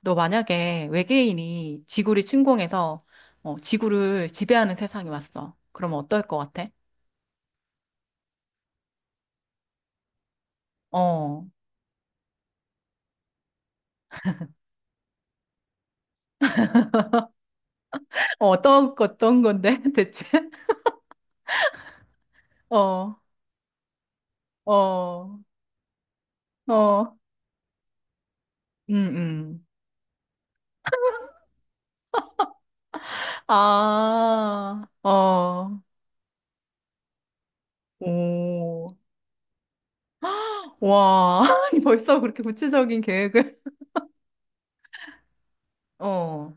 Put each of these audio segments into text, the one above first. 너 만약에 외계인이 지구를 침공해서 지구를 지배하는 세상이 왔어. 그러면 어떨 것 같아? 어, 어떤 건데, 대체? 어, 어, 어, 음, 음. 아, 어, 오, 와, 아니, 벌써 그렇게 구체적인 계획을? 어,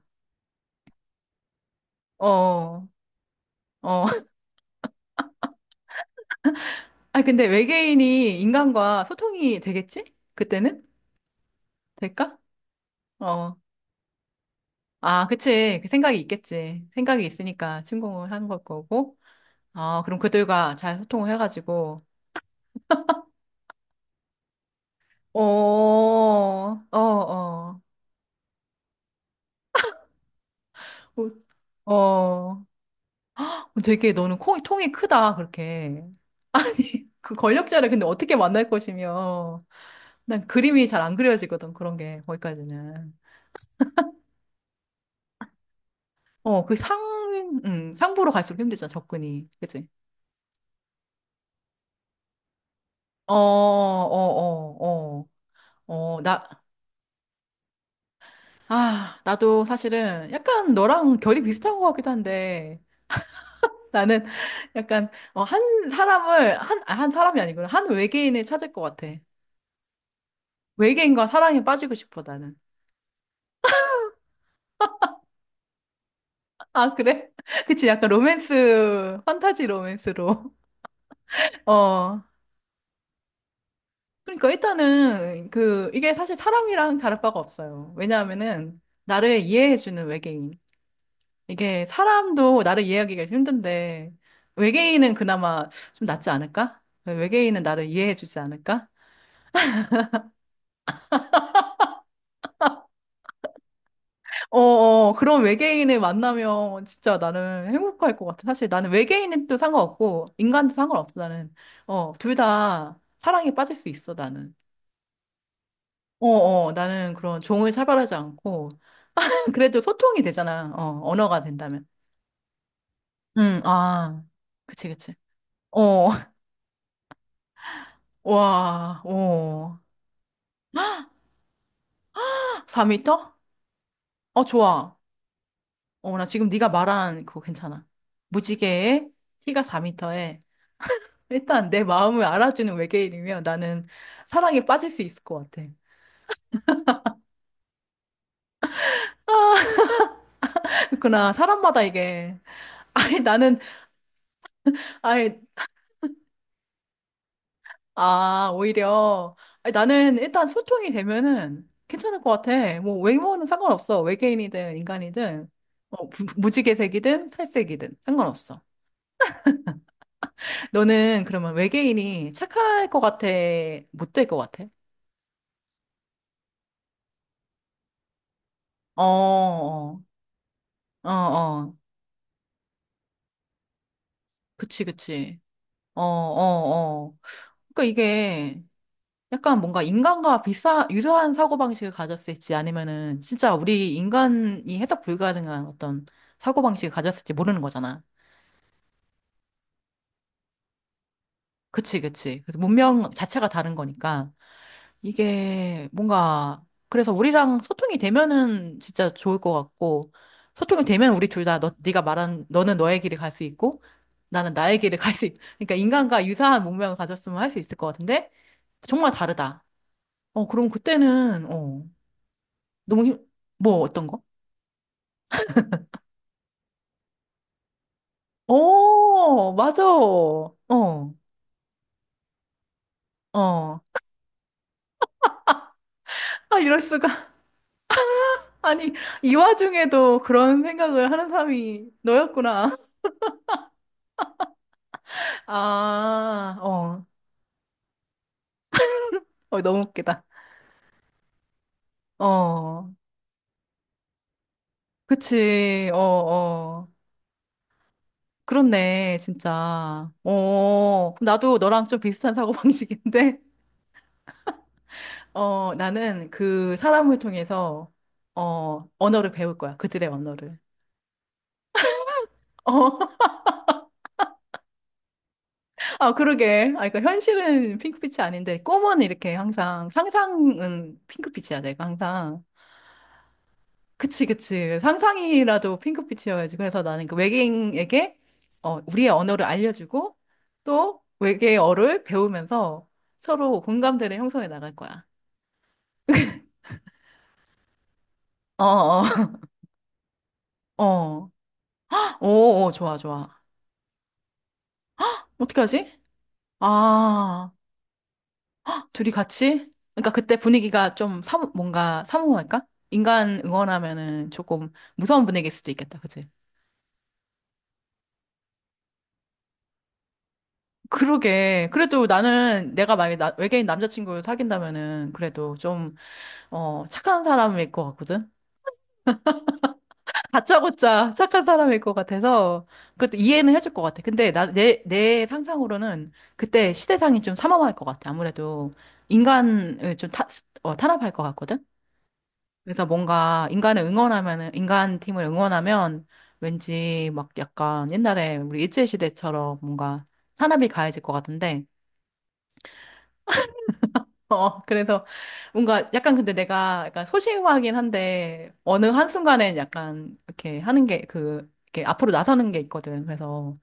어, 어. 아니, 근데 외계인이 인간과 소통이 되겠지? 그때는? 될까? 어. 아, 그치. 그 생각이 있겠지. 생각이 있으니까 침공을 한 걸 거고. 아, 그럼 그들과 잘 소통을 해가지고. 어, 어, 어. 어, 어. 되게 너는 통이 크다, 그렇게. 아니, 그 권력자를 근데 어떻게 만날 것이며. 난 그림이 잘 안 그려지거든, 그런 게, 거기까지는. 어, 상부로 갈수록 힘들잖아, 접근이. 그치? 어, 어, 어, 어. 어, 나도 사실은 약간 너랑 결이 비슷한 것 같기도 한데, 나는 약간, 어, 한 사람을, 한 사람이 아니구나. 한 외계인을 찾을 것 같아. 외계인과 사랑에 빠지고 싶어, 나는. 아, 그래? 그치, 약간 로맨스, 판타지 로맨스로. 어. 그러니까 일단은, 그, 이게 사실 사람이랑 다를 바가 없어요. 왜냐하면은, 나를 이해해주는 외계인. 이게 사람도 나를 이해하기가 좀 힘든데, 외계인은 그나마 좀 낫지 않을까? 외계인은 나를 이해해주지 않을까? 어, 어, 그런 외계인을 만나면 진짜 나는 행복할 것 같아. 사실 나는 외계인은 또 상관없고, 인간도 상관없어, 나는. 어, 둘 다 사랑에 빠질 수 있어, 나는. 어, 어, 나는 그런 종을 차별하지 않고, 그래도 소통이 되잖아. 어, 언어가 된다면. 응, 아, 그치, 그치. 어, 와, 어, 4미터? 어, 좋아. 어, 나 지금 네가 말한 그거 괜찮아. 무지개에 키가 4미터에 일단 내 마음을 알아주는 외계인이면 나는 사랑에 빠질 수 있을 것 같아. 아, 그렇구나. 사람마다 이게. 아니, 나는, 아니, 아, 오히려. 아니, 나는 일단 소통이 되면은 괜찮을 것 같아. 뭐, 외모는 상관없어. 외계인이든 인간이든. 어, 무지개색이든 살색이든 상관없어. 너는 그러면 외계인이 착할 것 같아? 못 될 것 같아? 어, 어. 어, 어. 그치, 그치. 어, 어, 어. 그러니까 이게 약간 뭔가 인간과 비슷한, 유사한 사고방식을 가졌을지 아니면은 진짜 우리 인간이 해석 불가능한 어떤 사고방식을 가졌을지 모르는 거잖아. 그치, 그치. 그래서 문명 자체가 다른 거니까 이게 뭔가 그래서 우리랑 소통이 되면은 진짜 좋을 것 같고 소통이 되면 우리 둘 다 너, 네가 말한 너는 너의 길을 갈 수 있고 나는 나의 길을 갈 수 있, 그러니까 인간과 유사한 문명을 가졌으면 할 수 있을 것 같은데 정말 다르다. 어, 그럼 그때는, 너무 힘, 뭐, 어떤 거? 어, 맞아. 어, 어. 아, 이럴 수가. 아니, 이 와중에도 그런 생각을 하는 사람이 너였구나. 아, 어, 어, 너무 웃기다. 어, 그치. 어, 어. 그렇네, 진짜. 어, 그럼 나도 너랑 좀 비슷한 사고방식인데, 어, 나는 그 사람을 통해서, 어, 언어를 배울 거야. 그들의 언어를. 어, 아, 그러게. 아, 그러니까 현실은 핑크빛이 아닌데, 꿈은 이렇게 항상, 상상은 핑크빛이야, 내가 항상. 그치, 그치. 상상이라도 핑크빛이어야지. 그래서 나는 그 외계인에게, 어, 우리의 언어를 알려주고, 또 외계어를 배우면서 서로 공감대를 형성해 나갈 거야. 어, 어, 어. 오, 오, 좋아, 좋아. 어떻게 하지? 아. 둘이 같이? 그러니까 그때 분위기가 좀 뭔가 사무할까? 인간 응원하면은 조금 무서운 분위기일 수도 있겠다, 그치? 그러게. 그래도 나는 내가 만약에 외계인 남자친구를 사귄다면은 그래도 좀, 어, 착한 사람일 것 같거든? 다짜고짜 착한 사람일 것 같아서 그것도 이해는 해줄 것 같아. 근데 내 상상으로는 그때 시대상이 좀 삼엄할 것 같아. 아무래도 인간을 탄압할 것 같거든? 그래서 뭔가 인간을 응원하면은, 인간 팀을 응원하면 왠지 막 약간 옛날에 우리 일제시대처럼 뭔가 산업이 가해질 것 같은데, 어, 그래서 뭔가 약간 근데 내가 약간 소심하긴 한데, 어느 한순간엔 약간 이렇게 하는 게 그, 이렇게 앞으로 나서는 게 있거든. 그래서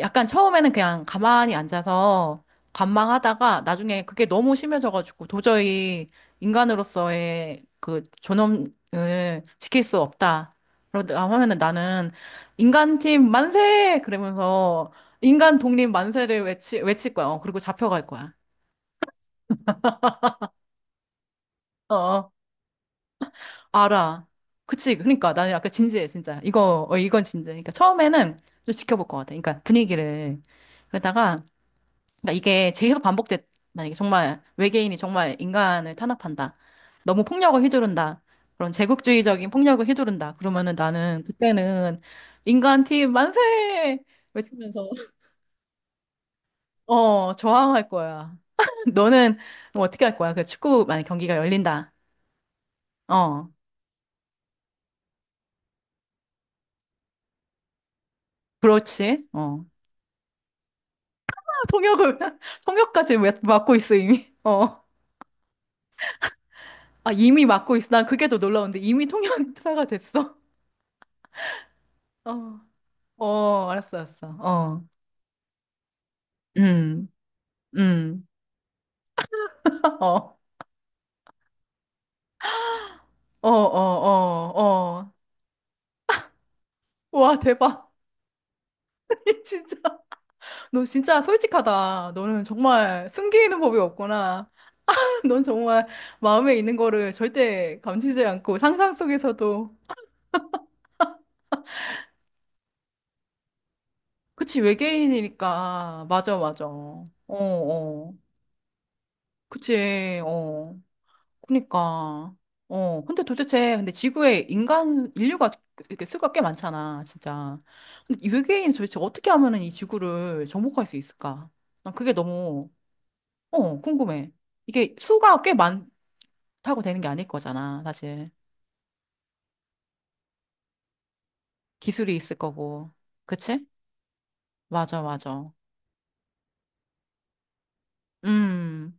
약간 처음에는 그냥 가만히 앉아서 관망하다가 나중에 그게 너무 심해져가지고 도저히 인간으로서의 그 존엄을 지킬 수 없다. 그러다 하면은 나는 인간팀 만세! 그러면서 인간 독립 만세를 외칠 거야. 어, 그리고 잡혀갈 거야. 어, 어, 알아. 그치. 그러니까 나는 약간 진지해, 진짜. 이거, 어, 이건 진지해. 그러니까 처음에는 좀 지켜볼 것 같아. 그러니까 분위기를. 그러다가 그러니까 이게 계속 반복돼. 만약에 정말 외계인이 정말 인간을 탄압한다. 너무 폭력을 휘두른다. 그런 제국주의적인 폭력을 휘두른다. 그러면은 나는 그때는 인간 팀 만세! 외치면서 어, 저항할 거야. 너는 뭐 어떻게 할 거야? 그 축구 만약 경기가 열린다. 어, 그렇지. 어. 통역을 통역까지 맡고 있어 이미. 어. 아, 이미 맡고 있어. 난 그게 더 놀라운데 이미 통역사가 됐어. 어. 어, 알았어, 알았어. 어. 음, 음. 어, 어, 어, 어, 어. 와, 대박. 이 진짜. 너 진짜 솔직하다. 너는 정말 숨기는 법이 없구나. 넌 정말 마음에 있는 거를 절대 감추지 않고 상상 속에서도. 그치, 외계인이니까. 맞아, 맞아. 어, 어. 그치, 어. 그니까. 어, 근데 도대체, 근데 지구에 인간, 인류가 이렇게 수가 꽤 많잖아, 진짜. 근데 이 외계인이 도대체 어떻게 하면은 이 지구를 정복할 수 있을까? 난 그게 너무, 어, 궁금해. 이게 수가 꽤 많다고 되는 게 아닐 거잖아, 사실. 기술이 있을 거고. 그치? 맞아, 맞아. 음,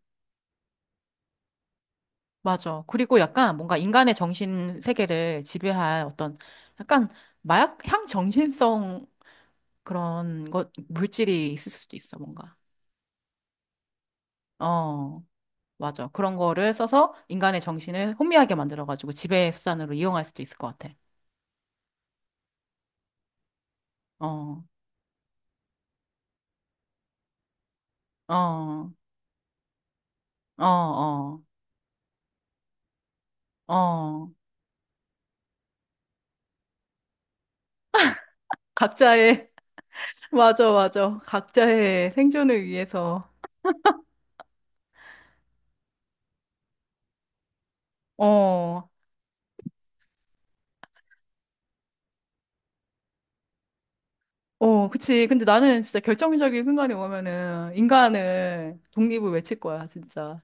맞아. 그리고 약간 뭔가 인간의 정신 세계를 지배할 어떤 약간 마약향 정신성 그런 것, 물질이 있을 수도 있어, 뭔가. 어, 맞아. 그런 거를 써서 인간의 정신을 혼미하게 만들어가지고 지배 수단으로 이용할 수도 있을 것 같아. 어, 어, 어, 어, 어. 각자의, 맞아, 맞아. 각자의 생존을 위해서. 어, 어, 그치. 근데 나는 진짜 결정적인 순간이 오면은 인간을 독립을 외칠 거야, 진짜.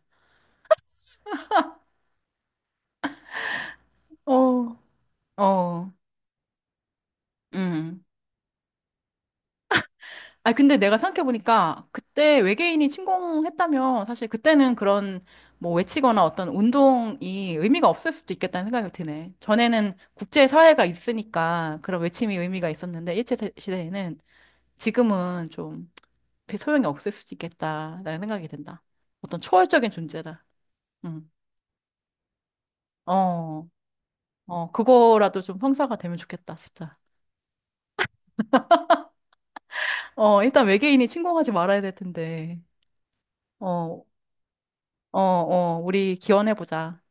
어, 어, 음. 아, 근데 내가 생각해보니까 그때 외계인이 침공했다면 사실 그때는 그런 뭐 외치거나 어떤 운동이 의미가 없을 수도 있겠다는 생각이 드네. 전에는 국제사회가 있으니까 그런 외침이 의미가 있었는데 일제 시대에는 지금은 좀 별 소용이 없을 수도 있겠다라는 생각이 든다. 어떤 초월적인 존재다. 응. 어, 어, 그거라도 좀 성사가 되면 좋겠다, 진짜. 어, 일단 외계인이 침공하지 말아야 될 텐데. 어, 어, 어, 우리 기원해보자.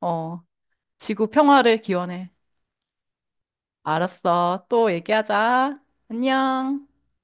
어. 지구 평화를 기원해. 알았어. 또 얘기하자. 안녕.